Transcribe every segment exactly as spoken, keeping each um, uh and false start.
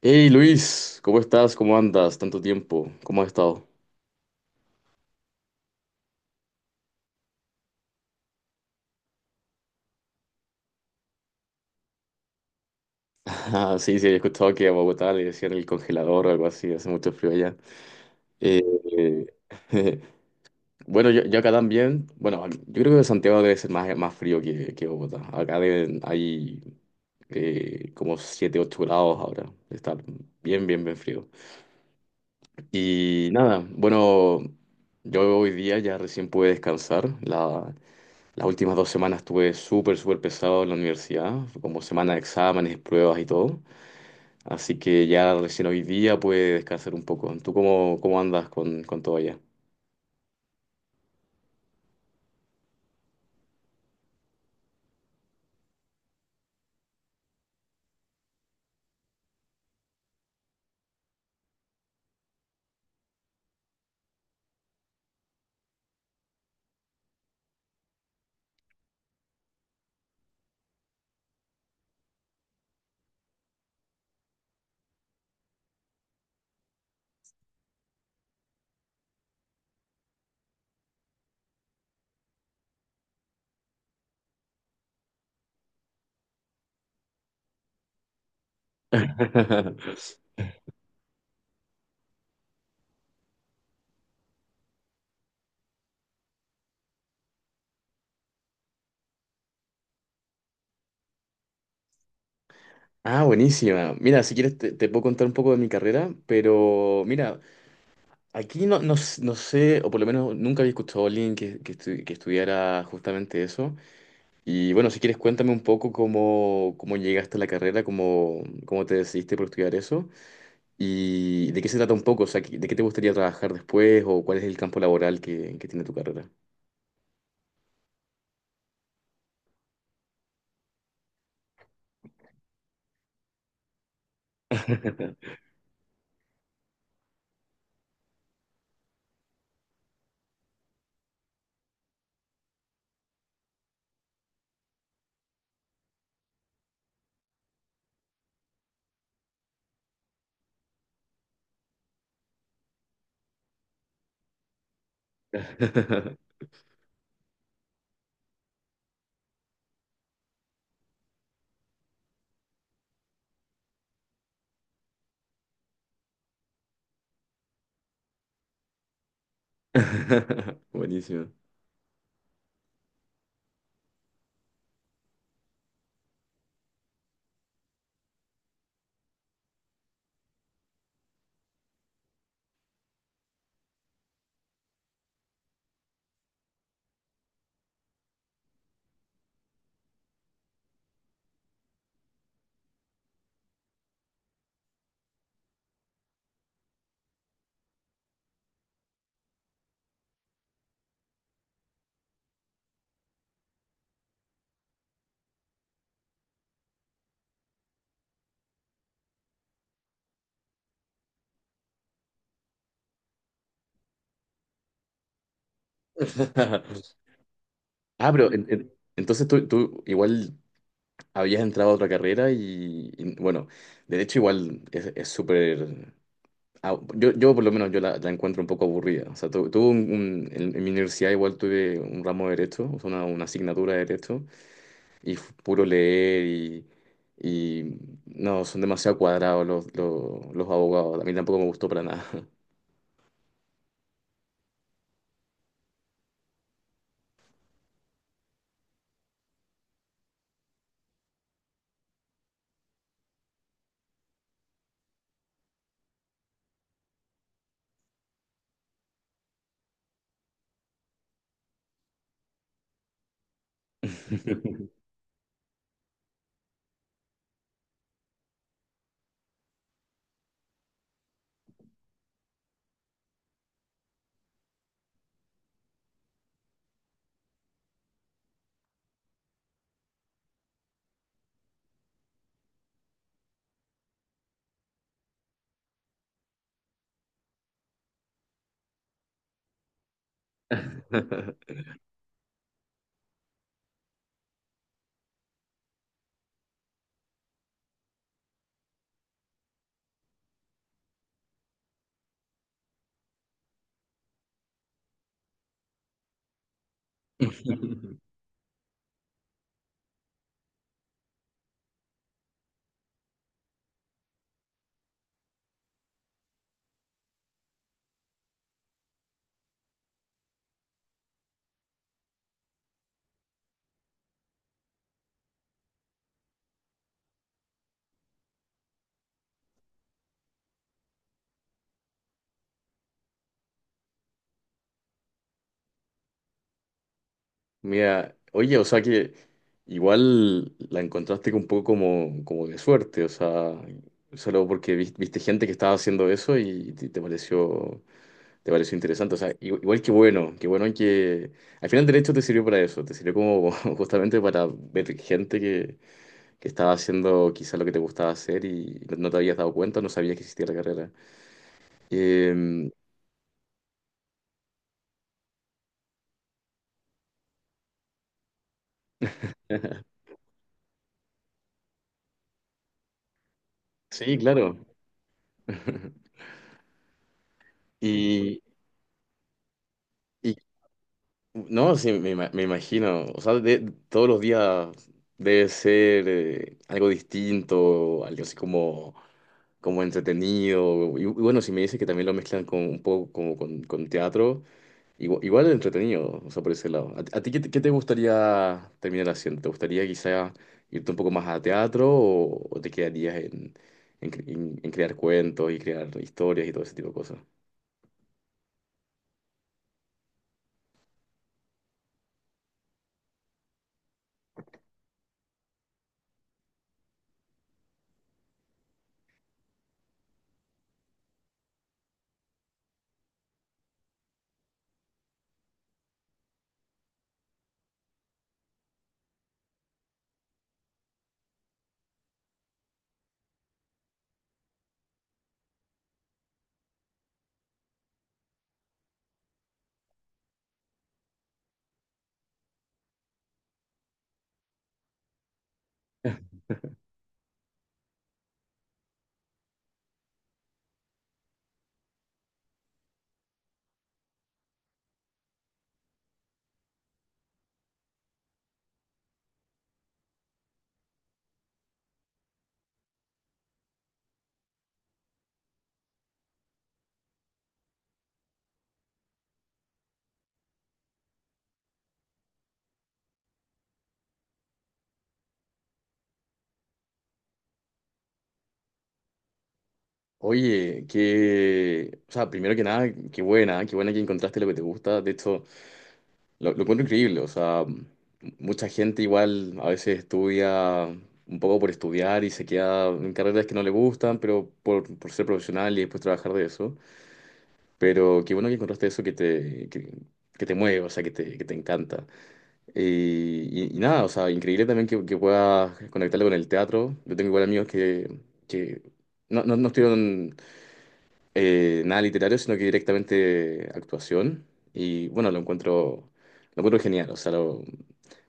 Hey Luis, ¿cómo estás? ¿Cómo andas? Tanto tiempo, ¿cómo has estado? Ah, sí, sí, he escuchado que a Bogotá le decían el congelador o algo así, hace mucho frío allá. Eh, eh, bueno, yo, yo acá también, bueno, yo creo que Santiago debe ser más, más frío que, que Bogotá. Acá deben, hay eh, como siete ocho grados ahora, está bien, bien, bien frío. Y nada, bueno, yo hoy día ya recién pude descansar, la, las últimas dos semanas estuve súper, súper pesado en la universidad, fue como semana de exámenes, pruebas y todo. Así que ya recién hoy día pude descansar un poco. ¿Tú cómo, cómo andas con, con todo allá? Ah, buenísima. Mira, si quieres te, te puedo contar un poco de mi carrera, pero mira, aquí no, no, s- no sé, o por lo menos nunca había escuchado a alguien que, que, estu- que estudiara justamente eso. Y bueno, si quieres cuéntame un poco cómo, cómo llegaste a la carrera, cómo, cómo te decidiste por estudiar eso. ¿Y de qué se trata un poco? O sea, ¿de qué te gustaría trabajar después o cuál es el campo laboral que, que tiene tu carrera? Buenísimo. Ah, pero en- en- entonces tú, tú igual habías entrado a otra carrera y, y, bueno, de hecho igual es es súper... ah, yo, yo por lo menos yo la, la encuentro un poco aburrida. O sea, tu- tuve un, un- en, en mi universidad igual tuve un ramo de derecho, o sea, una, una asignatura de derecho. Y f- puro leer y, y no, son demasiado cuadrados los, los, los abogados. A mí tampoco me gustó para nada. Mira, oye, o sea que igual la encontraste un poco como, como de suerte, o sea, solo porque vis- viste gente que estaba haciendo eso y te, te pareció, te pareció interesante, o sea, i- igual que bueno, que bueno que al final el derecho te sirvió para eso, te sirvió como justamente para ver gente que, que estaba haciendo quizá lo que te gustaba hacer y no no te habías dado cuenta, no sabías que existía la carrera. Em, sí, claro. Y, y- no, sí, me, ima- me imagino, o sea, de- todos los días debe ser eh, algo distinto, algo así como, como entretenido. Y, y bueno, si me dices que también lo mezclan con un poco como con, con teatro. Igual, igual entretenido, o sea, por ese lado. ¿A, ti a ti qué, te qué te gustaría terminar haciendo? ¿Te gustaría quizá irte un poco más a teatro o, o te quedarías en, en cre- en- en crear cuentos y crear historias y todo ese tipo de cosas? Oye, que, o sea, primero que nada, qué buena, qué buena que encontraste lo que te gusta. De hecho, lo, lo encuentro increíble, o sea, m- mucha gente igual a veces estudia un poco por estudiar y se queda en carreras que no le gustan, pero por, por ser profesional y después trabajar de eso. Pero qué bueno que encontraste eso que te, que, que te mueve, o sea, que te, que te encanta. Eh, y, y nada, o sea, increíble también que, que puedas conectarlo con el teatro. Yo tengo igual amigos que, que no, no, no estudiaron eh, nada literario, sino que directamente actuación. Y bueno, lo encuentro, lo encuentro genial. O sea, lo-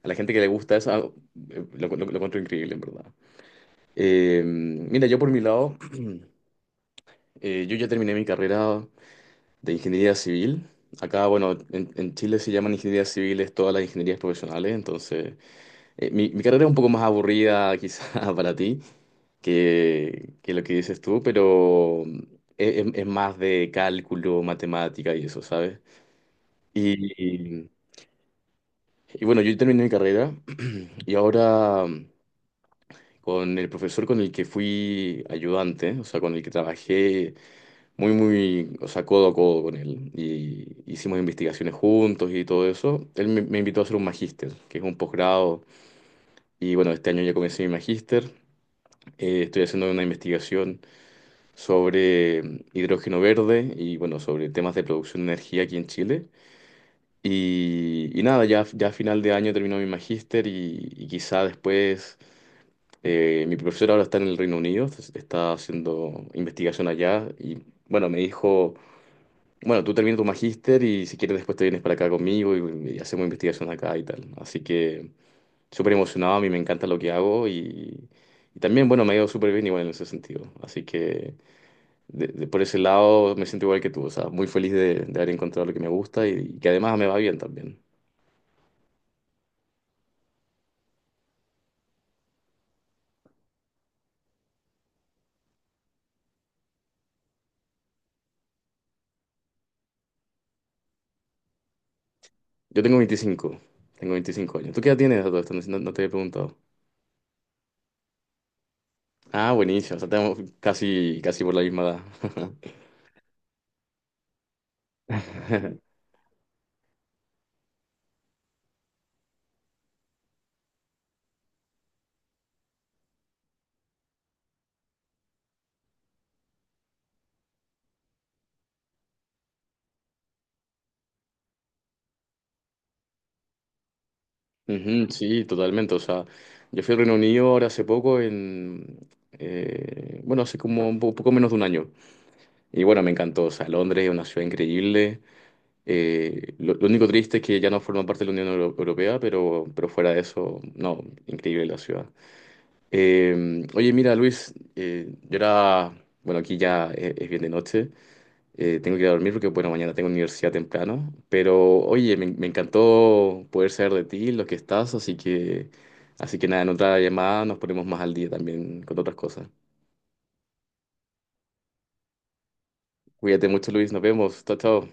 a la gente que le gusta eso, ah, eh, lo, lo- lo encuentro increíble, en verdad. Eh, mira, yo por mi lado, eh, yo ya terminé mi carrera de ingeniería civil. Acá, bueno, en, en Chile se llaman ingenierías civiles todas las ingenierías profesionales, entonces eh, mi, mi carrera es un poco más aburrida quizá para ti que, que lo que dices tú, pero es, es- es más de cálculo, matemática y eso, ¿sabes? Y, y- y bueno, yo terminé mi carrera y ahora mm, con el profesor con el que fui ayudante, o sea, con el que trabajé muy, muy, o sea, codo a codo con él. Y hicimos investigaciones juntos y todo eso. Él me, me invitó a hacer un magíster, que es un posgrado. Y bueno, este año ya comencé mi magíster. Eh, estoy haciendo una investigación sobre mm, hidrógeno verde y bueno, sobre temas de producción de energía aquí en Chile. Y, y nada, ya, ya a final de año termino mi magíster y, y quizá después... eh, mi profesor ahora está en el Reino Unido, está está haciendo investigación allá y bueno, me dijo: bueno, tú terminas tu magíster y si quieres después te vienes para acá conmigo y, y hacemos investigación acá y tal. Así que súper emocionado, a mí me encanta lo que hago y, y también, bueno, me ha ido súper bien igual en ese sentido. Así que de- de- por ese lado me siento igual que tú, o sea, muy feliz de, de haber encontrado lo que me gusta y, y que además me va bien también. Yo tengo veinticinco, tengo veinticinco años. ¿Tú qué edad tienes a todo esto? No, no- no te he preguntado. Ah, buenísimo, o sea, tenemos casi, casi por la misma edad. Ujú, sí, totalmente. O sea, yo fui al Reino Unido ahora hace poco, en, eh, bueno, hace como un po- poco menos de un año. Y bueno, me encantó. O sea, Londres es una ciudad increíble. Eh, lo, lo único triste es que ya no forma parte de la Unión Euro- Europea, pero, pero fuera de eso, no, increíble la ciudad. Eh, oye, mira, Luis, eh, yo era, bueno, aquí ya es, es bien de noche. Eh, tengo que ir a dormir porque, bueno, mañana tengo universidad temprano. Pero, oye, me, me encantó poder saber de ti, lo que estás, así que, así que nada, en otra llamada nos ponemos más al día también con otras cosas. Cuídate mucho, Luis, nos vemos. Chao, chao.